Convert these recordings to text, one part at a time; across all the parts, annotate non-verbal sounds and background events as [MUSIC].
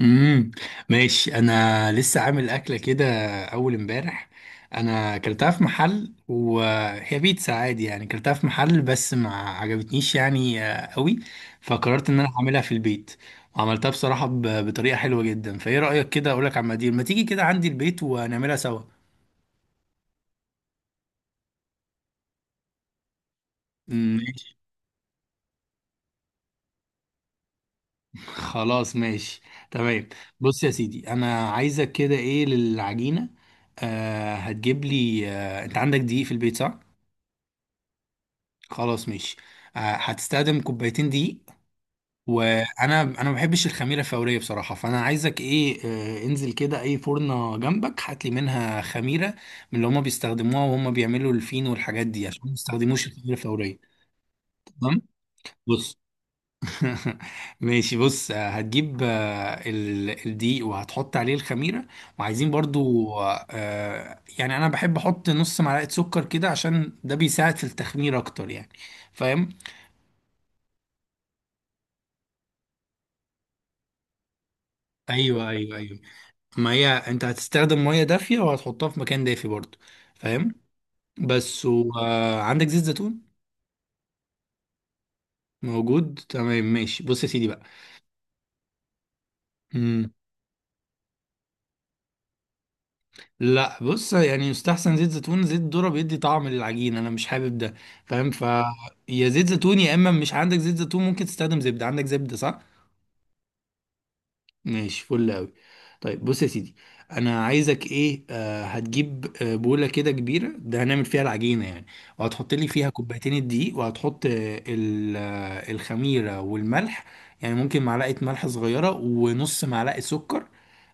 امم ماشي، انا لسه عامل اكله كده، اول امبارح. انا اكلتها في محل وهي بيتزا عادي، يعني اكلتها في محل بس ما عجبتنيش يعني قوي. فقررت ان انا اعملها في البيت، وعملتها بصراحه بطريقه حلوه جدا. فايه رايك كده؟ اقول لك على المقادير، ما تيجي كده عندي البيت ونعملها سوا. ماشي، خلاص ماشي، تمام. بص يا سيدي، انا عايزك كده ايه للعجينه؟ هتجيب لي، انت عندك دقيق في البيت، صح؟ خلاص ماشي. هتستخدم كوبايتين دقيق. وانا ما بحبش الخميره الفوريه بصراحه، فانا عايزك ايه؟ انزل كده اي فرنه جنبك، هات لي منها خميره من اللي هما بيستخدموها وهم بيعملوا الفينو والحاجات دي، عشان ما يستخدموش الخميره الفوريه. تمام. بص. [LAUGHS] ماشي، بص، هتجيب الدقيق وهتحط عليه الخميره. وعايزين برضو، يعني انا بحب احط نص معلقه سكر كده، عشان ده بيساعد في التخمير اكتر يعني. فاهم؟ ايوه، ايوه، ايوه. ما هي انت هتستخدم ميه دافيه وهتحطها في مكان دافي برضو. فاهم؟ بس. وعندك زيت زيتون؟ موجود، تمام ماشي، بص يا سيدي بقى. مم. لا، بص يعني يستحسن زيت زيتون، زيت ذرة بيدي طعم للعجين، انا مش حابب ده. فاهم؟ يا زيت زيتون يا اما مش عندك زيت زيتون ممكن تستخدم زبده. عندك زبده، صح؟ ماشي، فل أوي. طيب بص يا سيدي، انا عايزك ايه، هتجيب بوله كده كبيره، ده هنعمل فيها العجينه يعني. وهتحط لي فيها كوبايتين الدقيق، وهتحط الخميره والملح، يعني ممكن معلقه ملح صغيره، ونص معلقه سكر.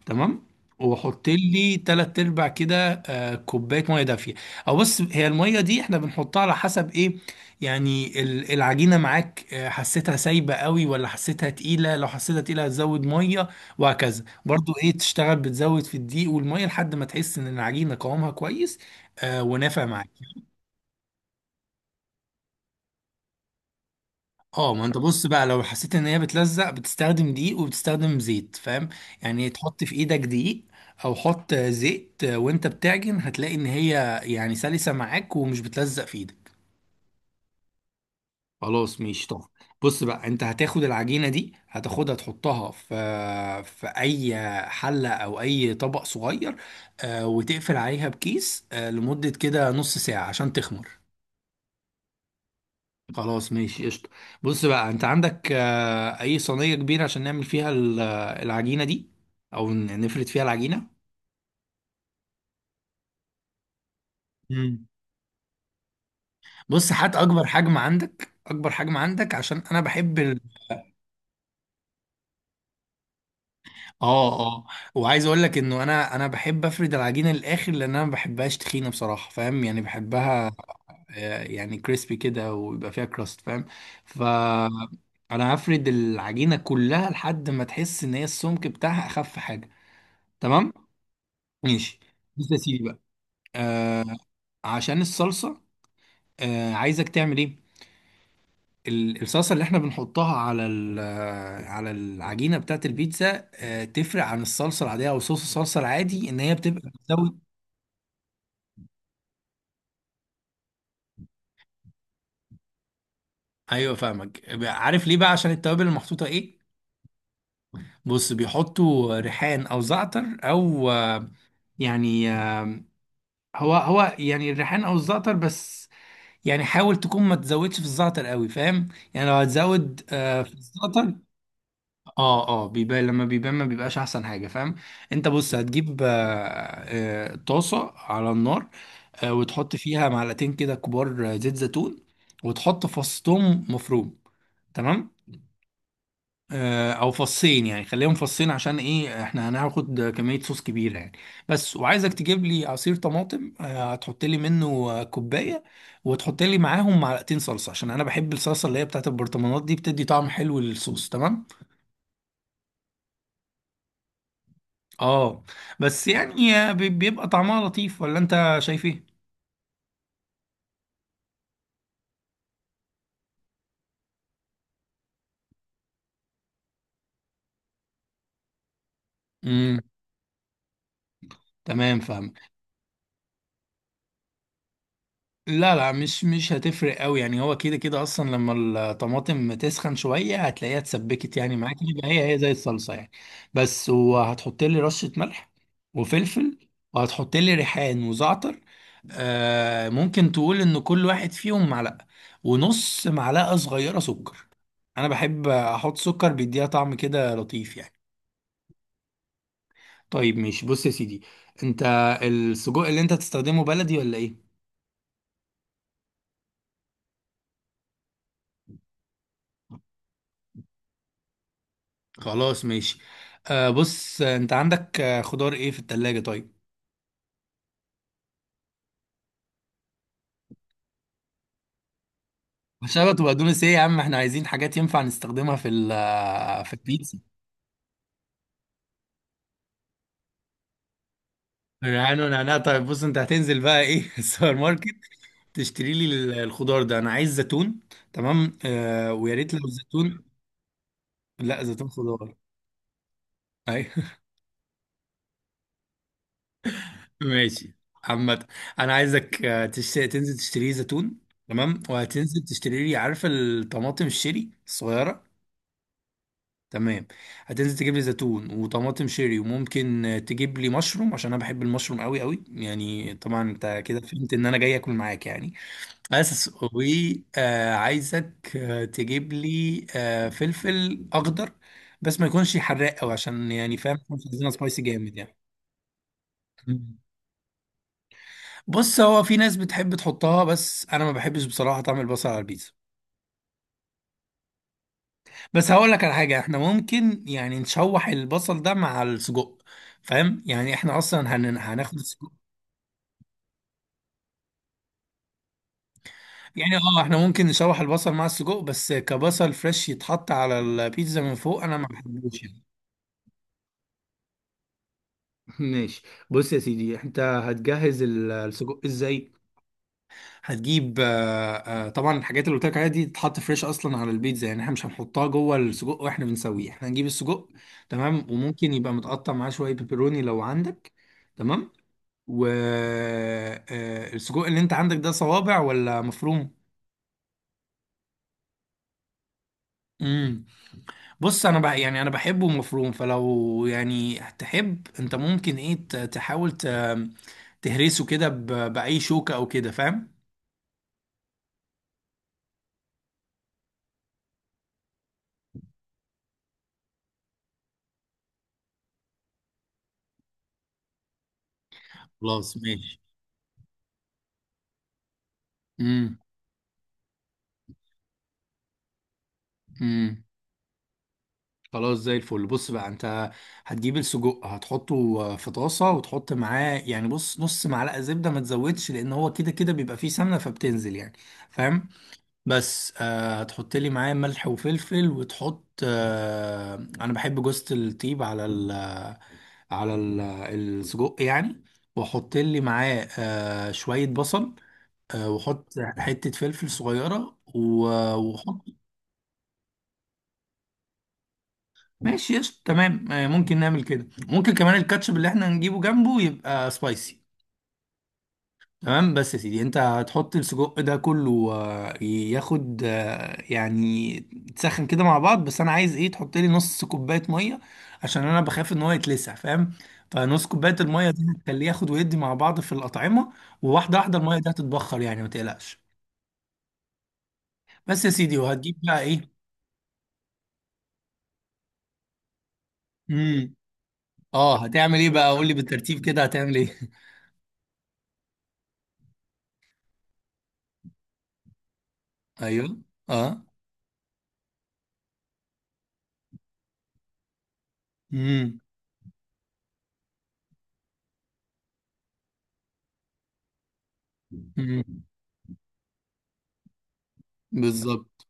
تمام. وحط لي تلات ارباع كده كوبايه ميه دافيه. او بص، هي الميه دي احنا بنحطها على حسب ايه؟ يعني العجينه معاك، حسيتها سايبه قوي ولا حسيتها تقيله؟ لو حسيتها تقيله هتزود ميه، وهكذا. برضو ايه، تشتغل بتزود في الدقيق والميه لحد ما تحس ان العجينه قوامها كويس. ونافع معاك؟ اه، ما انت بص بقى، لو حسيت ان هي بتلزق بتستخدم دقيق وبتستخدم زيت. فاهم؟ يعني تحط في ايدك دقيق، او حط زيت وانت بتعجن، هتلاقي ان هي يعني سلسة معاك ومش بتلزق في ايدك. خلاص ماشي، طب بص بقى، انت هتاخد العجينة دي هتاخدها تحطها في اي حلة او اي طبق صغير، وتقفل عليها بكيس لمدة كده نص ساعة عشان تخمر. خلاص ماشي، قشطة. بص بقى، انت عندك اي صينية كبيرة عشان نعمل فيها العجينة دي، او نفرد فيها العجينة. مم. بص، هات اكبر حجم عندك، اكبر حجم عندك، عشان انا بحب اه، اه. وعايز اقول لك انه انا بحب افرد العجينة للاخر، لان انا ما بحبهاش تخينة بصراحة. فاهم يعني؟ بحبها يعني كريسبي كده ويبقى فيها كراست. فاهم؟ ف انا هفرد العجينة كلها لحد ما تحس ان هي السمك بتاعها اخف حاجة. تمام ماشي، بص يا سيدي بقى، آه عشان الصلصه، عايزك تعمل ايه؟ الصلصه اللي احنا بنحطها على على العجينه بتاعت البيتزا تفرق عن الصلصه العاديه، او صوص الصلصه العادي، ان هي بتبقى بتساوي. ايوه فاهمك، عارف ليه بقى؟ عشان التوابل المحطوطه ايه. بص بيحطوا ريحان او زعتر او يعني هو هو، يعني الريحان او الزعتر بس. يعني حاول تكون ما تزودش في الزعتر قوي، فاهم؟ يعني لو هتزود في الزعتر. اه، اه، بيبان، لما بيبان ما بيبقاش احسن حاجه. فاهم؟ انت بص، هتجيب طاسه على النار، وتحط فيها معلقتين كده كبار زيت زيتون، وتحط فص توم مفروم. تمام. او فصين، يعني خليهم فصين، عشان ايه؟ احنا هناخد كميه صوص كبيره يعني. بس، وعايزك تجيب لي عصير طماطم، هتحط لي منه كوبايه. وتحط لي معاهم معلقتين صلصه، عشان انا بحب الصلصه اللي هي بتاعت البرطمانات دي، بتدي طعم حلو للصوص. تمام. اه، بس يعني بيبقى طعمها لطيف، ولا انت شايف ايه؟ امم تمام، فاهم. لا، لا، مش هتفرق قوي يعني، هو كده كده اصلا، لما الطماطم تسخن شويه هتلاقيها اتسبكت يعني معاك، يبقى هي هي زي الصلصه يعني. بس، وهتحط لي رشه ملح وفلفل، وهتحط لي ريحان وزعتر. ممكن تقول ان كل واحد فيهم معلقه، ونص معلقه صغيره سكر. انا بحب احط سكر، بيديها طعم كده لطيف يعني. طيب ماشي، بص يا سيدي، انت السجق اللي انت تستخدمه بلدي ولا ايه؟ خلاص ماشي. بص، انت عندك خضار ايه في التلاجة؟ طيب. شبت وبقدونس ايه يا عم، احنا عايزين حاجات ينفع نستخدمها في في البيتزا. ريحان ونعناع؟ طيب بص، انت هتنزل بقى ايه [LAUGHS] السوبر ماركت، تشتري لي الخضار ده، انا عايز زيتون. تمام، ويا ريت لو زيتون. لا، زيتون خضار. [LAUGHS] ماشي، عامة انا عايزك تنزل تشتري لي زيتون. تمام، وهتنزل تشتري لي، عارفة الطماطم الشيري الصغيرة؟ تمام. هتنزل تجيب لي زيتون وطماطم شيري، وممكن تجيب لي مشروم، عشان انا بحب المشروم قوي قوي يعني، طبعا انت كده فهمت ان انا جاي اكل معاك يعني. بس، وعايزك تجيب لي فلفل اخضر، بس ما يكونش حراق قوي، عشان يعني فاهم، مش عايزينها سبايسي جامد. يعني بص، هو في ناس بتحب تحطها، بس انا ما بحبش بصراحه طعم البصل على البيتزا. بس هقول لك على حاجه، احنا ممكن يعني نشوح البصل ده مع السجق، فاهم؟ يعني احنا اصلا هناخد السجق. يعني اه، احنا ممكن نشوح البصل مع السجق، بس كبصل فريش يتحط على البيتزا من فوق انا ما بحبوش يعني. [LAUGHS] ماشي، بص يا سيدي، انت هتجهز السجق ازاي؟ هتجيب طبعا الحاجات اللي قلت لك عليها دي تتحط فريش اصلا على البيتزا، يعني احنا مش هنحطها جوه السجق واحنا بنسويه، احنا هنجيب السجق. تمام، وممكن يبقى متقطع معاه شويه بيبروني لو عندك. تمام. والسجق اللي انت عندك ده صوابع ولا مفروم؟ امم بص، انا بقى يعني انا بحبه مفروم، فلو يعني تحب انت ممكن ايه تحاول تهرسه كده باي شوكه او كده، فاهم؟ خلاص ماشي. امم خلاص زي الفل. بص بقى، انت هتجيب السجق هتحطه في طاسة، وتحط معاه يعني بص نص معلقة زبدة، ما تزودش، لان هو كده كده بيبقى فيه سمنة فبتنزل يعني، فاهم؟ بس هتحط لي معاه ملح وفلفل، وتحط انا بحب جوزة الطيب على السجق يعني. واحط لي معاه شوية بصل، واحط حتة فلفل صغيرة واحط. ماشي، يس تمام، ممكن نعمل كده، ممكن كمان الكاتشب اللي احنا هنجيبه جنبه يبقى سبايسي. تمام. بس يا سيدي، انت هتحط السجق ده كله ياخد، يعني تسخن كده مع بعض، بس انا عايز ايه، تحط لي نص كوبايه ميه، عشان انا بخاف ان هو يتلسع، فاهم؟ فنص كوبايه الميه دي هتخليه ياخد ويدي مع بعض في الاطعمه، وواحده واحده الميه دي هتتبخر يعني ما تقلقش. بس يا سيدي وهتجيب بقى ايه؟ امم اه، هتعمل ايه بقى، قول لي بالترتيب كده هتعمل ايه؟ [LAUGHS] ايوه، اه. امم مم. بالظبط.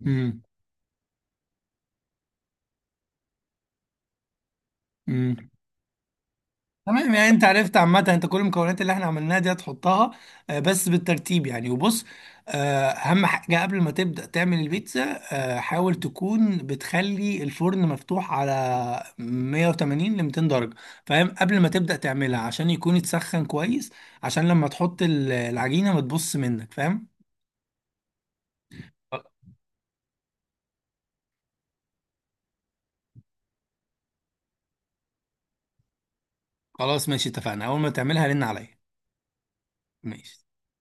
مم. مم. تمام، يعني انت عرفت عامة، انت كل المكونات اللي احنا عملناها دي هتحطها بس بالترتيب يعني. وبص، اهم حاجة قبل ما تبدأ تعمل البيتزا، حاول تكون بتخلي الفرن مفتوح على 180 ل 200 درجة، فاهم؟ قبل ما تبدأ تعملها عشان يكون يتسخن كويس، عشان لما تحط العجينة ما تبص منك. فاهم؟ خلاص ماشي، اتفقنا، اول ما تعملها رن عليا. ماشي.